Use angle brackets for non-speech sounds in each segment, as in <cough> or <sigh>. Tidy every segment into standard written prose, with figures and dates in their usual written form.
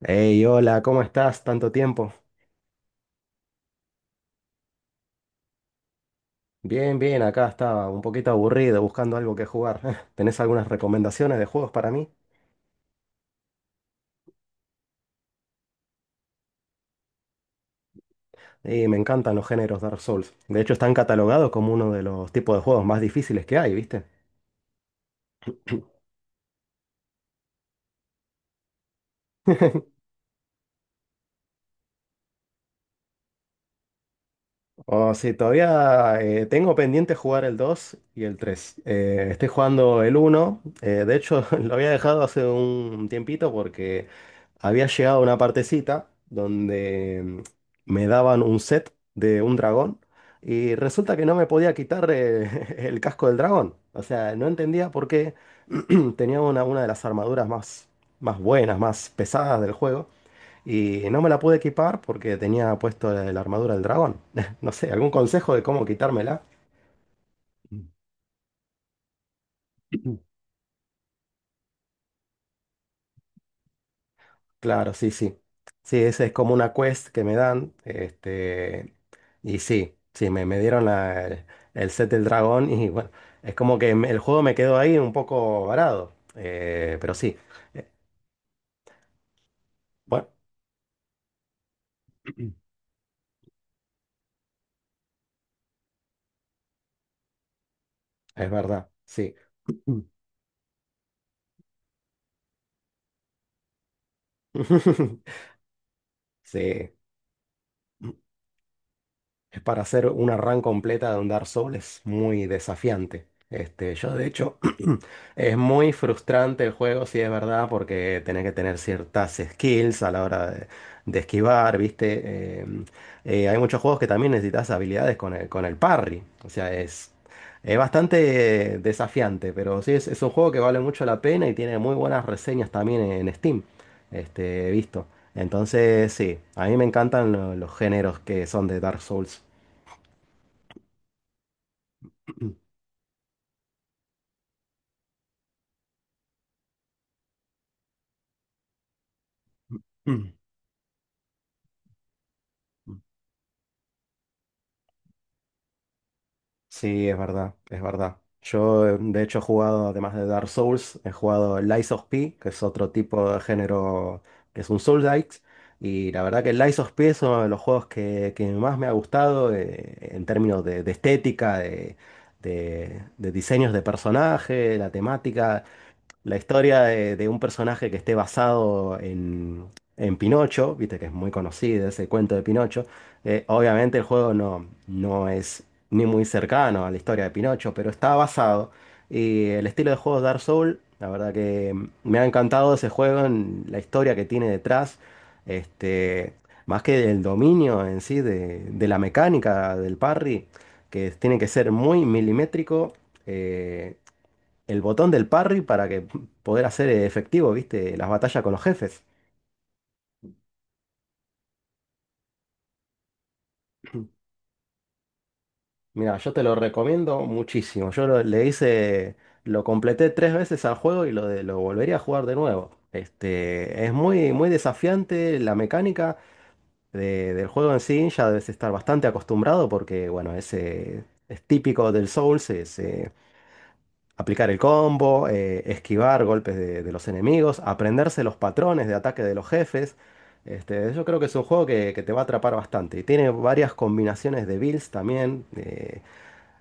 Hey, hola, ¿cómo estás? Tanto tiempo. Bien, bien, acá estaba un poquito aburrido buscando algo que jugar. <laughs> ¿Tenés algunas recomendaciones de juegos para mí? Y me encantan los géneros Dark Souls. De hecho, están catalogados como uno de los tipos de juegos más difíciles que hay, ¿viste? O si todavía tengo pendiente jugar el 2 y el 3. Estoy jugando el uno. De hecho, <laughs> lo había dejado hace un tiempito porque había llegado a una partecita donde me daban un set de un dragón. Y resulta que no me podía quitar <laughs> el casco del dragón. O sea, no entendía por qué <clears throat> tenía una de las armaduras más buenas, más pesadas del juego. Y no me la pude equipar porque tenía puesto la armadura del dragón. <laughs> No sé, ¿algún consejo de cómo quitármela? <clears throat> Claro, sí, sí. Sí, esa es como una quest que me dan. Este, y sí, sí, me dieron el set del dragón y bueno, es como que el juego me quedó ahí un poco varado. Pero sí, eh, bueno, <clears throat> es verdad, sí. <clears throat> <laughs> Sí. Es para hacer una run completa de un Dark Souls muy desafiante. Este, yo de hecho, <clears throat> es muy frustrante el juego, si es verdad, porque tenés que tener ciertas skills a la hora de esquivar, ¿viste? Eh, Hay muchos juegos que también necesitas habilidades con el parry. O sea, es bastante desafiante, pero sí, es un juego que vale mucho la pena y tiene muy buenas reseñas también en Steam. Este, he visto. Entonces, sí, a mí me encantan los géneros que son de Dark Souls. Mm, mm, mm. Sí, es verdad, es verdad. Yo, de hecho, he jugado, además de Dark Souls, he jugado Lies of P, que es otro tipo de género que es un Souls-like. Y la verdad que Lies of P es uno de los juegos que más me ha gustado en términos de estética, de diseños de personaje, la temática. La historia de un personaje que esté basado en Pinocho, viste que es muy conocido ese cuento de Pinocho. Obviamente el juego no es ni muy cercano a la historia de Pinocho, pero está basado. Y el estilo de juego Dark Souls, la verdad que me ha encantado ese juego, en la historia que tiene detrás, este, más que del dominio en sí, de la mecánica del parry, que tiene que ser muy milimétrico. eh, el botón del parry para que poder hacer efectivo, ¿viste? Las batallas con los jefes. <clears throat> Mira, yo te lo recomiendo muchísimo. Yo le hice, lo completé tres veces al juego y lo volvería a jugar de nuevo. Este, es muy, muy desafiante la mecánica del juego en sí. Ya debes estar bastante acostumbrado porque, bueno, ese es típico del Souls. Aplicar el combo, esquivar golpes de los enemigos, aprenderse los patrones de ataque de los jefes. Este, yo creo que es un juego que te va a atrapar bastante. Y tiene varias combinaciones de builds también.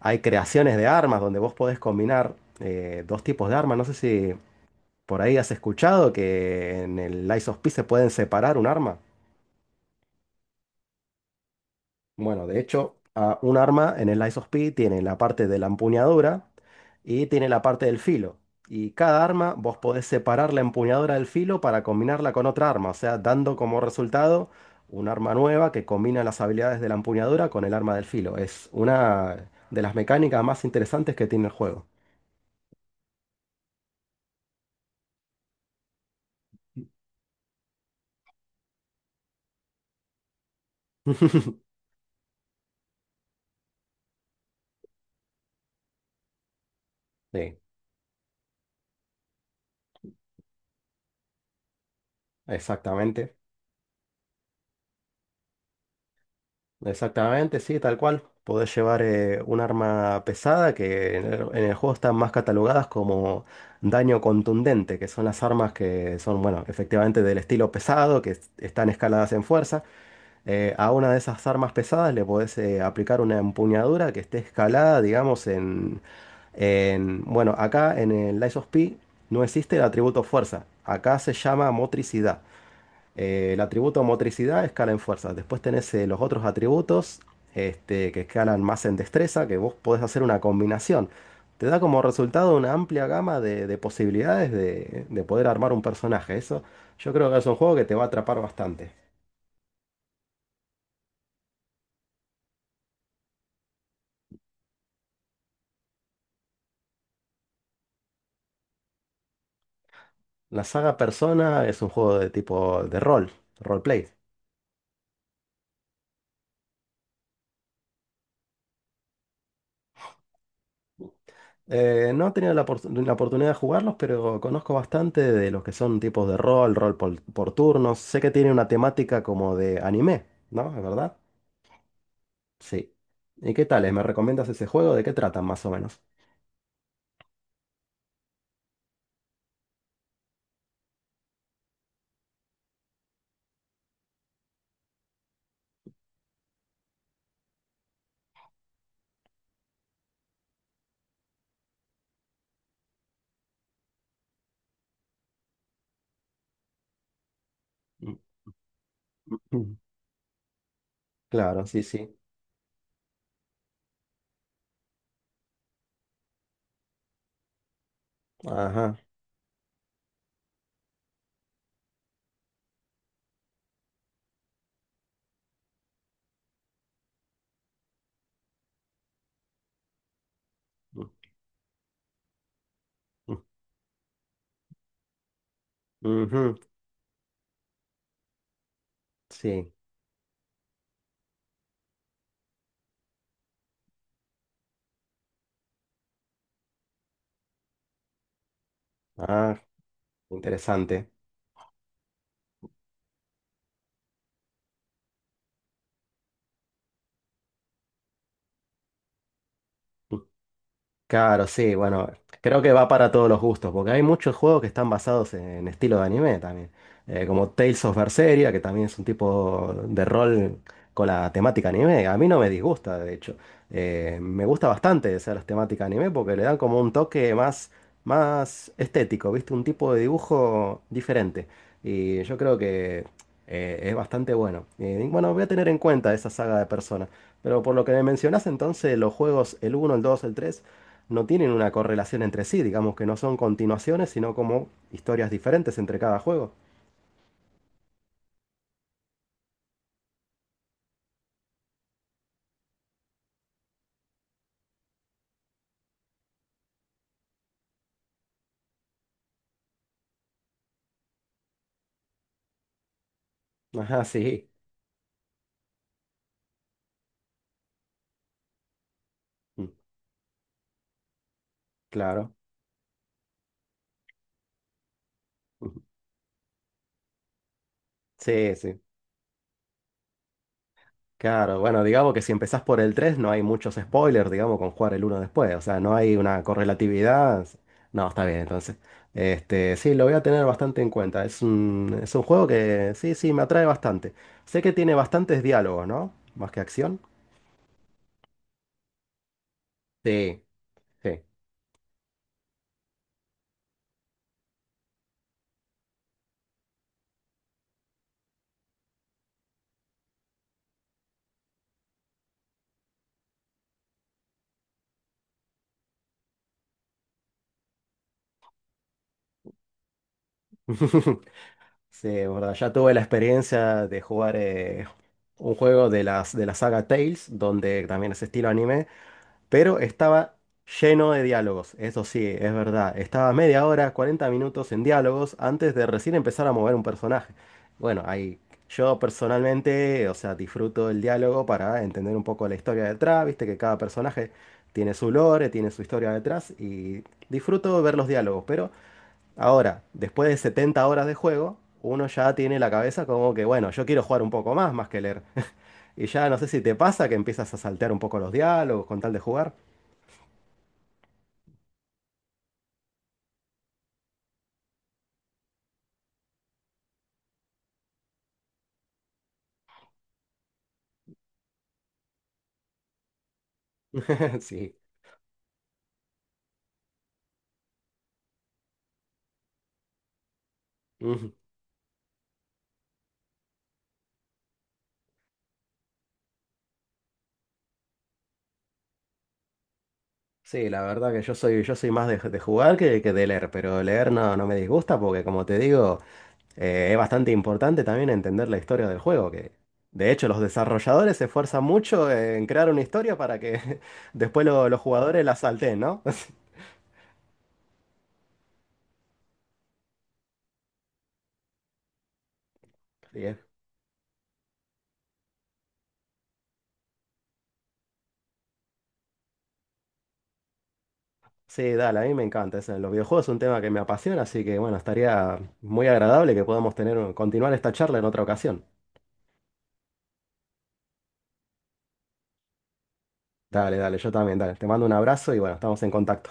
Hay creaciones de armas donde vos podés combinar dos tipos de armas. No sé si por ahí has escuchado que en el Lies of P se pueden separar un arma. Bueno, de hecho, un arma en el Lies of P tiene la parte de la empuñadura y tiene la parte del filo. Y cada arma vos podés separar la empuñadura del filo para combinarla con otra arma, o sea, dando como resultado un arma nueva que combina las habilidades de la empuñadura con el arma del filo. Es una de las mecánicas más interesantes que tiene el juego. <laughs> Sí, exactamente. Exactamente, sí, tal cual. Podés llevar un arma pesada que en el juego están más catalogadas como daño contundente, que son las armas que son, bueno, efectivamente del estilo pesado, que están escaladas en fuerza. A una de esas armas pesadas le podés aplicar una empuñadura que esté escalada, digamos, en. Bueno, acá en el Lies of P no existe el atributo fuerza. Acá se llama motricidad. El atributo motricidad escala en fuerza. Después tenés los otros atributos este, que escalan más en destreza, que vos podés hacer una combinación. Te da como resultado una amplia gama de posibilidades de poder armar un personaje. Eso yo creo que es un juego que te va a atrapar bastante. La saga Persona es un juego de tipo de rol, roleplay. No he tenido la oportunidad de jugarlos, pero conozco bastante de los que son tipos de rol, rol por turnos. Sé que tiene una temática como de anime, ¿no? ¿Es verdad? Sí. ¿Y qué tal? ¿Me recomiendas ese juego? ¿De qué tratan más o menos? Mm. <clears throat> Mm. Claro, sí, sí. Ajá. Mm, mm, ujú. Sí. Ah, interesante. Claro, sí, bueno, creo que va para todos los gustos, porque hay muchos juegos que están basados en estilo de anime también, como Tales of Berseria, que también es un tipo de rol con la temática anime. A mí no me disgusta, de hecho. Me gusta bastante esa las temáticas anime porque le dan como un toque más, más estético, ¿viste? Un tipo de dibujo diferente. Y yo creo que es bastante bueno. Y bueno, voy a tener en cuenta esa saga de personas, pero por lo que me mencionás entonces, los juegos, el uno, el 2, el 3 no tienen una correlación entre sí, digamos que no son continuaciones, sino como historias diferentes entre cada juego. Ajá, sí. Mm, claro. Ujú. Sí, sí. Claro, bueno, digamos que si empezás por el 3 no hay muchos spoilers, digamos, con jugar el uno después, o sea, no hay una correlatividad. No, está bien, entonces. Este, sí, lo voy a tener bastante en cuenta. Es un juego que sí, sí, me atrae bastante. Sé que tiene bastantes diálogos, ¿no? Más que acción. Sí, sí. <laughs> Sí, es verdad. Ya tuve la experiencia de jugar un juego de la saga Tales, donde también es estilo anime, pero estaba lleno de diálogos. Eso sí, es verdad. Estaba media hora, 40 minutos en diálogos antes de recién empezar a mover un personaje. Bueno, ahí yo personalmente, o sea, disfruto el diálogo para entender un poco la historia detrás, viste que cada personaje tiene su lore, tiene su historia detrás y disfruto ver los diálogos. Pero ahora, después de 70 horas de juego, uno ya tiene la cabeza como que, bueno, yo quiero jugar un poco más, más que leer. <laughs> Y ya no sé si te pasa que empiezas a saltear un poco los diálogos con tal de jugar. <laughs> Sí. Ujú. Sí, la verdad que yo soy más de jugar que de leer, pero leer no me disgusta porque, como te digo, es bastante importante también entender la historia del juego, que de hecho los desarrolladores se esfuerzan mucho en crear una historia para que <laughs> después los jugadores la salten, ¿no? <laughs> Sí, es sí, dale, a mí me encanta eso. Los videojuegos es un tema que me apasiona, así que bueno, estaría muy agradable que podamos tener, continuar esta charla en otra ocasión. Dale, dale, yo también, dale. Te mando un abrazo y bueno, estamos en contacto.